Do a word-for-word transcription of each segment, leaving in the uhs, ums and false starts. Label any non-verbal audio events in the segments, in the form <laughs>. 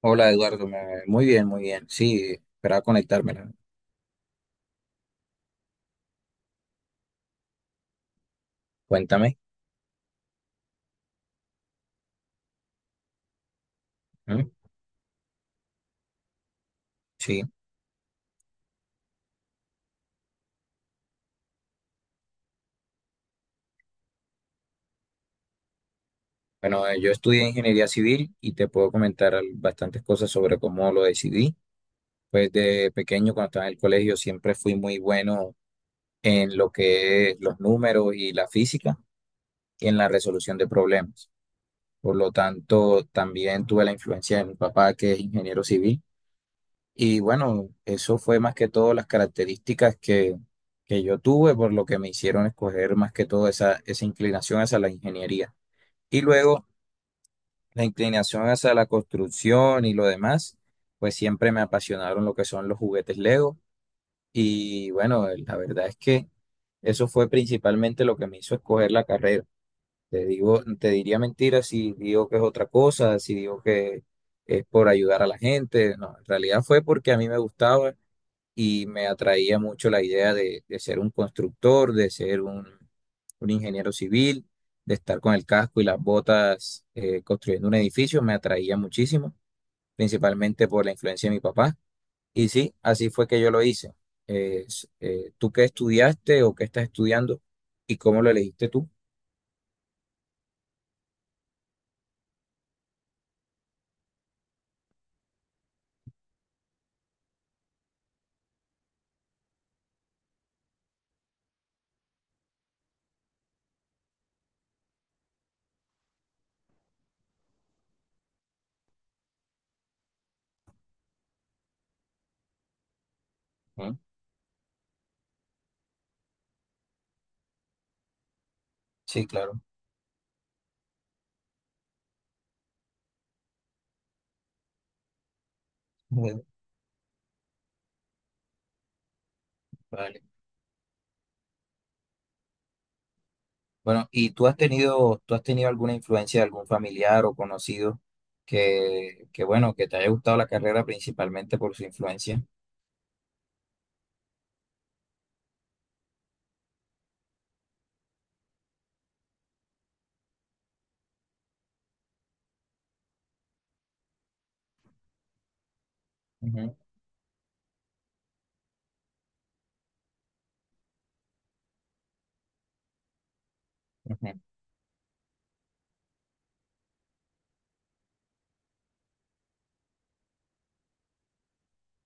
Hola Eduardo, me- muy bien, muy bien. Sí, esperaba conectármela. Cuéntame. ¿Mm? Sí, bueno, eh, yo estudié ingeniería civil y te puedo comentar al- bastantes cosas sobre cómo lo decidí. Pues de pequeño, cuando estaba en el colegio, siempre fui muy bueno en lo que es los números y la física y en la resolución de problemas. Por lo tanto, también tuve la influencia de mi papá, que es ingeniero civil. Y bueno, eso fue más que todo las características que, que yo tuve, por lo que me hicieron escoger más que todo esa, esa inclinación hacia la ingeniería. Y luego la inclinación hacia la construcción y lo demás, pues siempre me apasionaron lo que son los juguetes Lego. Y bueno, la verdad es que eso fue principalmente lo que me hizo escoger la carrera. Te digo, te diría mentiras si digo que es otra cosa, si digo que es por ayudar a la gente. No, en realidad fue porque a mí me gustaba y me atraía mucho la idea de, de ser un constructor, de ser un, un ingeniero civil, de estar con el casco y las botas eh, construyendo un edificio, me atraía muchísimo, principalmente por la influencia de mi papá. Y sí, así fue que yo lo hice. Eh, s- eh, ¿tú qué estudiaste o qué estás estudiando y cómo lo elegiste tú? Ah, sí, claro. Bueno, vale. Bueno, ¿y tú has tenido, tú has tenido alguna influencia de algún familiar o conocido que, que bueno, que te haya gustado la carrera principalmente por su influencia? Ujú, ujú,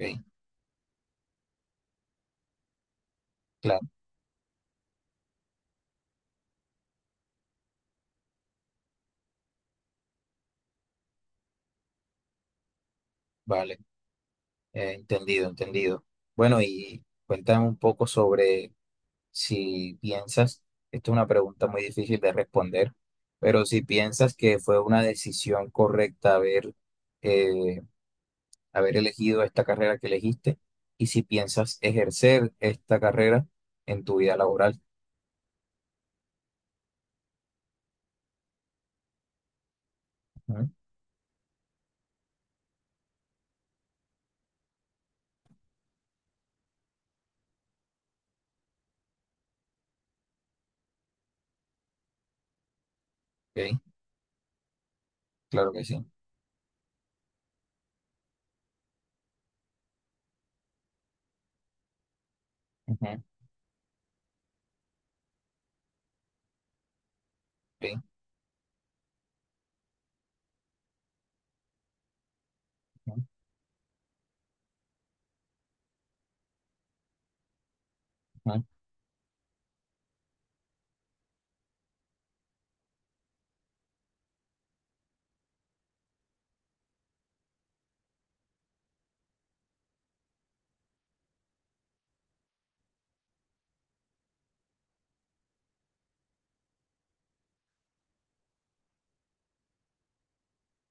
ok, claro, vale, eh, entendido, entendido. Bueno, y cuéntame un poco sobre si piensas, esta es una pregunta muy difícil de responder, pero si piensas que fue una decisión correcta haber eh, haber elegido esta carrera que elegiste y si piensas ejercer esta carrera en tu vida laboral. Ujú, ok, claro que sí. Ujú, ok, ujú, ujú,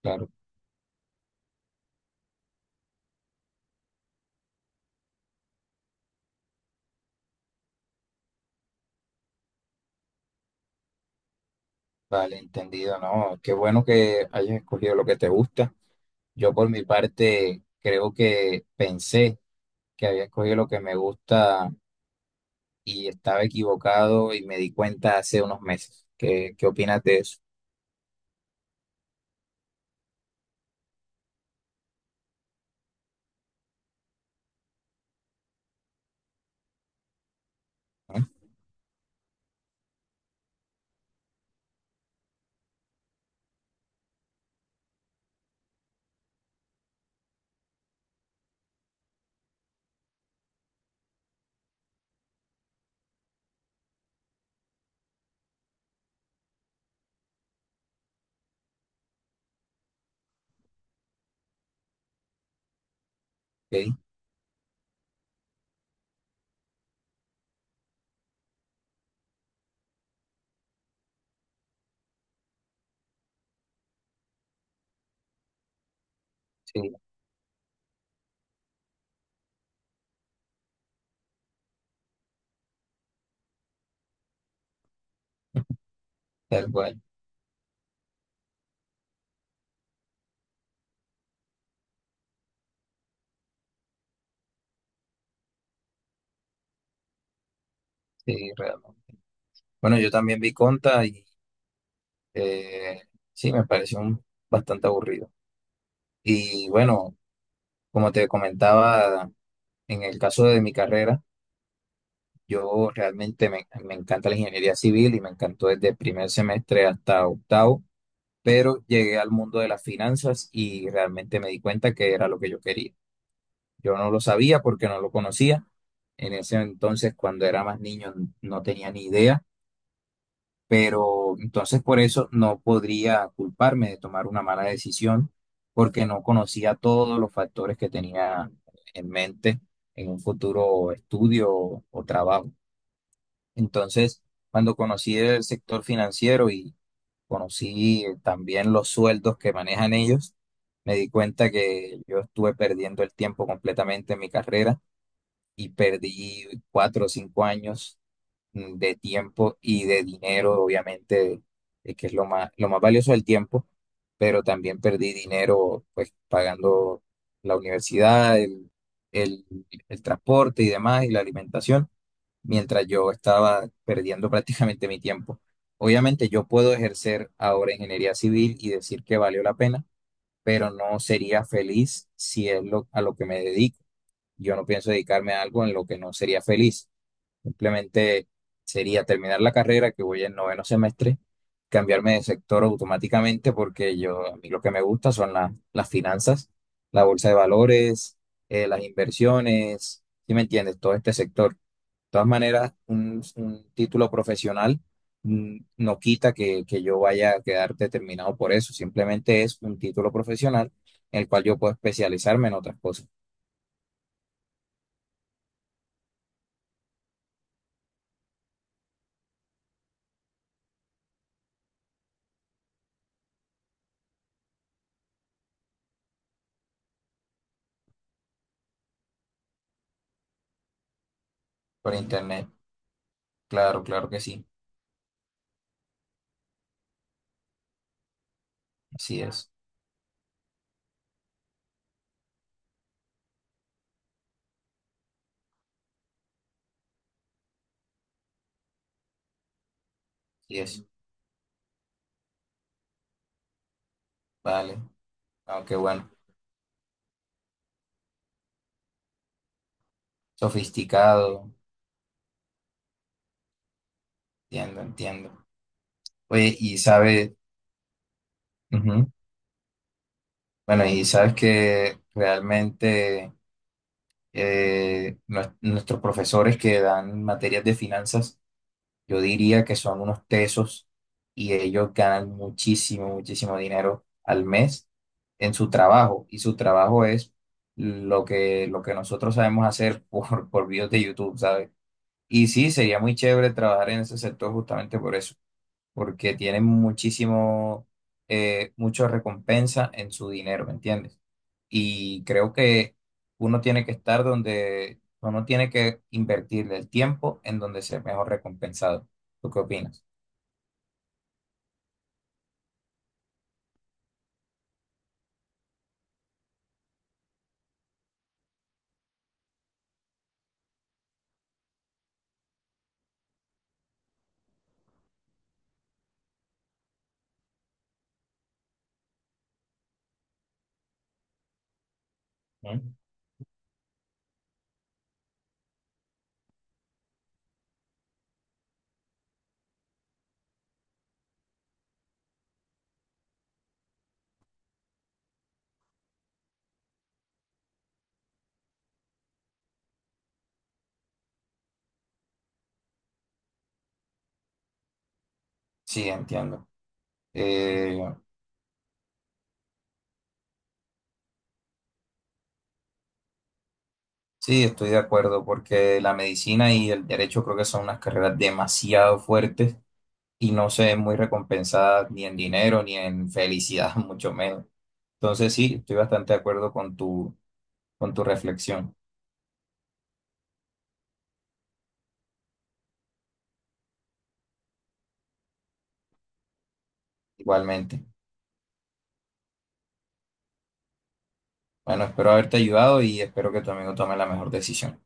claro, vale, entendido, ¿no? Qué bueno que hayas escogido lo que te gusta. Yo por mi parte creo que pensé que había escogido lo que me gusta y estaba equivocado y me di cuenta hace unos meses. ¿Qué, qué opinas de eso? Ujú, ok, sí, tal cual, sí, realmente. Bueno, yo también vi Conta y Eh, sí, me pareció un- bastante aburrido. Y bueno, como te comentaba, en el caso de mi carrera, yo realmente me, me encanta la ingeniería civil y me encantó desde el primer semestre hasta octavo, pero llegué al mundo de las finanzas y realmente me di cuenta que era lo que yo quería. Yo no lo sabía porque no lo conocía. En ese entonces, cuando era más niño, no tenía ni idea, pero entonces por eso no podría culparme de tomar una mala decisión porque no conocía todos los factores que tenía en mente en un futuro estudio o, o trabajo. Entonces, cuando conocí el sector financiero y conocí, eh, también los sueldos que manejan ellos, me di cuenta que yo estuve perdiendo el tiempo completamente en mi carrera y perdí cuatro o cinco años mm, de tiempo y de dinero, obviamente, eh, que es lo más, lo más valioso del tiempo, pero también perdí dinero pues pagando la universidad, el, el, el transporte y demás, y la alimentación, mientras yo estaba perdiendo <laughs> prácticamente mi tiempo. Obviamente yo puedo ejercer ahora ingeniería civil y decir que valió la pena, pero no sería feliz si es lo, a lo que me dedico. Yo no pienso dedicarme a algo en lo que no sería feliz. Simplemente sería terminar la carrera, que voy en noveno semestre, cambiarme de sector automáticamente porque yo, a mí lo que me gusta son la- las finanzas, la bolsa de valores, eh, las inversiones, ¿sí me entiendes? Todo este sector. De todas maneras, un, un título profesional mm, no quita que, que yo vaya a quedar determinado por eso, simplemente es un título profesional en el cual yo puedo especializarme en otras cosas. Por internet, claro, claro que sí, así es, así es, vale. No, qué bueno. Sofisticado. Entiendo, entiendo. Oye, y sabes, ujú, bueno, y sabes que realmente eh, nues- nuestros profesores que dan materias de finanzas, yo diría que son unos tesos y ellos ganan muchísimo, muchísimo dinero al mes en su trabajo. Y su trabajo es lo que, lo que nosotros sabemos hacer <laughs> por, por videos de YouTube, ¿sabes? Y sí, sería muy chévere trabajar en ese sector justamente por eso, porque tienen muchísimo, eh, mucha recompensa en su dinero, ¿me entiendes? Y creo que uno tiene que estar donde, uno tiene que invertirle el tiempo en donde sea mejor recompensado. ¿Tú qué opinas? ¿Mm? Sí, entiendo. Eh, sí, estoy de acuerdo porque la medicina y el derecho creo que son unas carreras demasiado fuertes y no se ven muy recompensadas ni en dinero ni en felicidad, <laughs> mucho menos. Entonces sí, estoy bastante de acuerdo con tu con tu reflexión, igualmente. Bueno, espero haberte ayudado y espero que tu amigo tome la mejor decisión.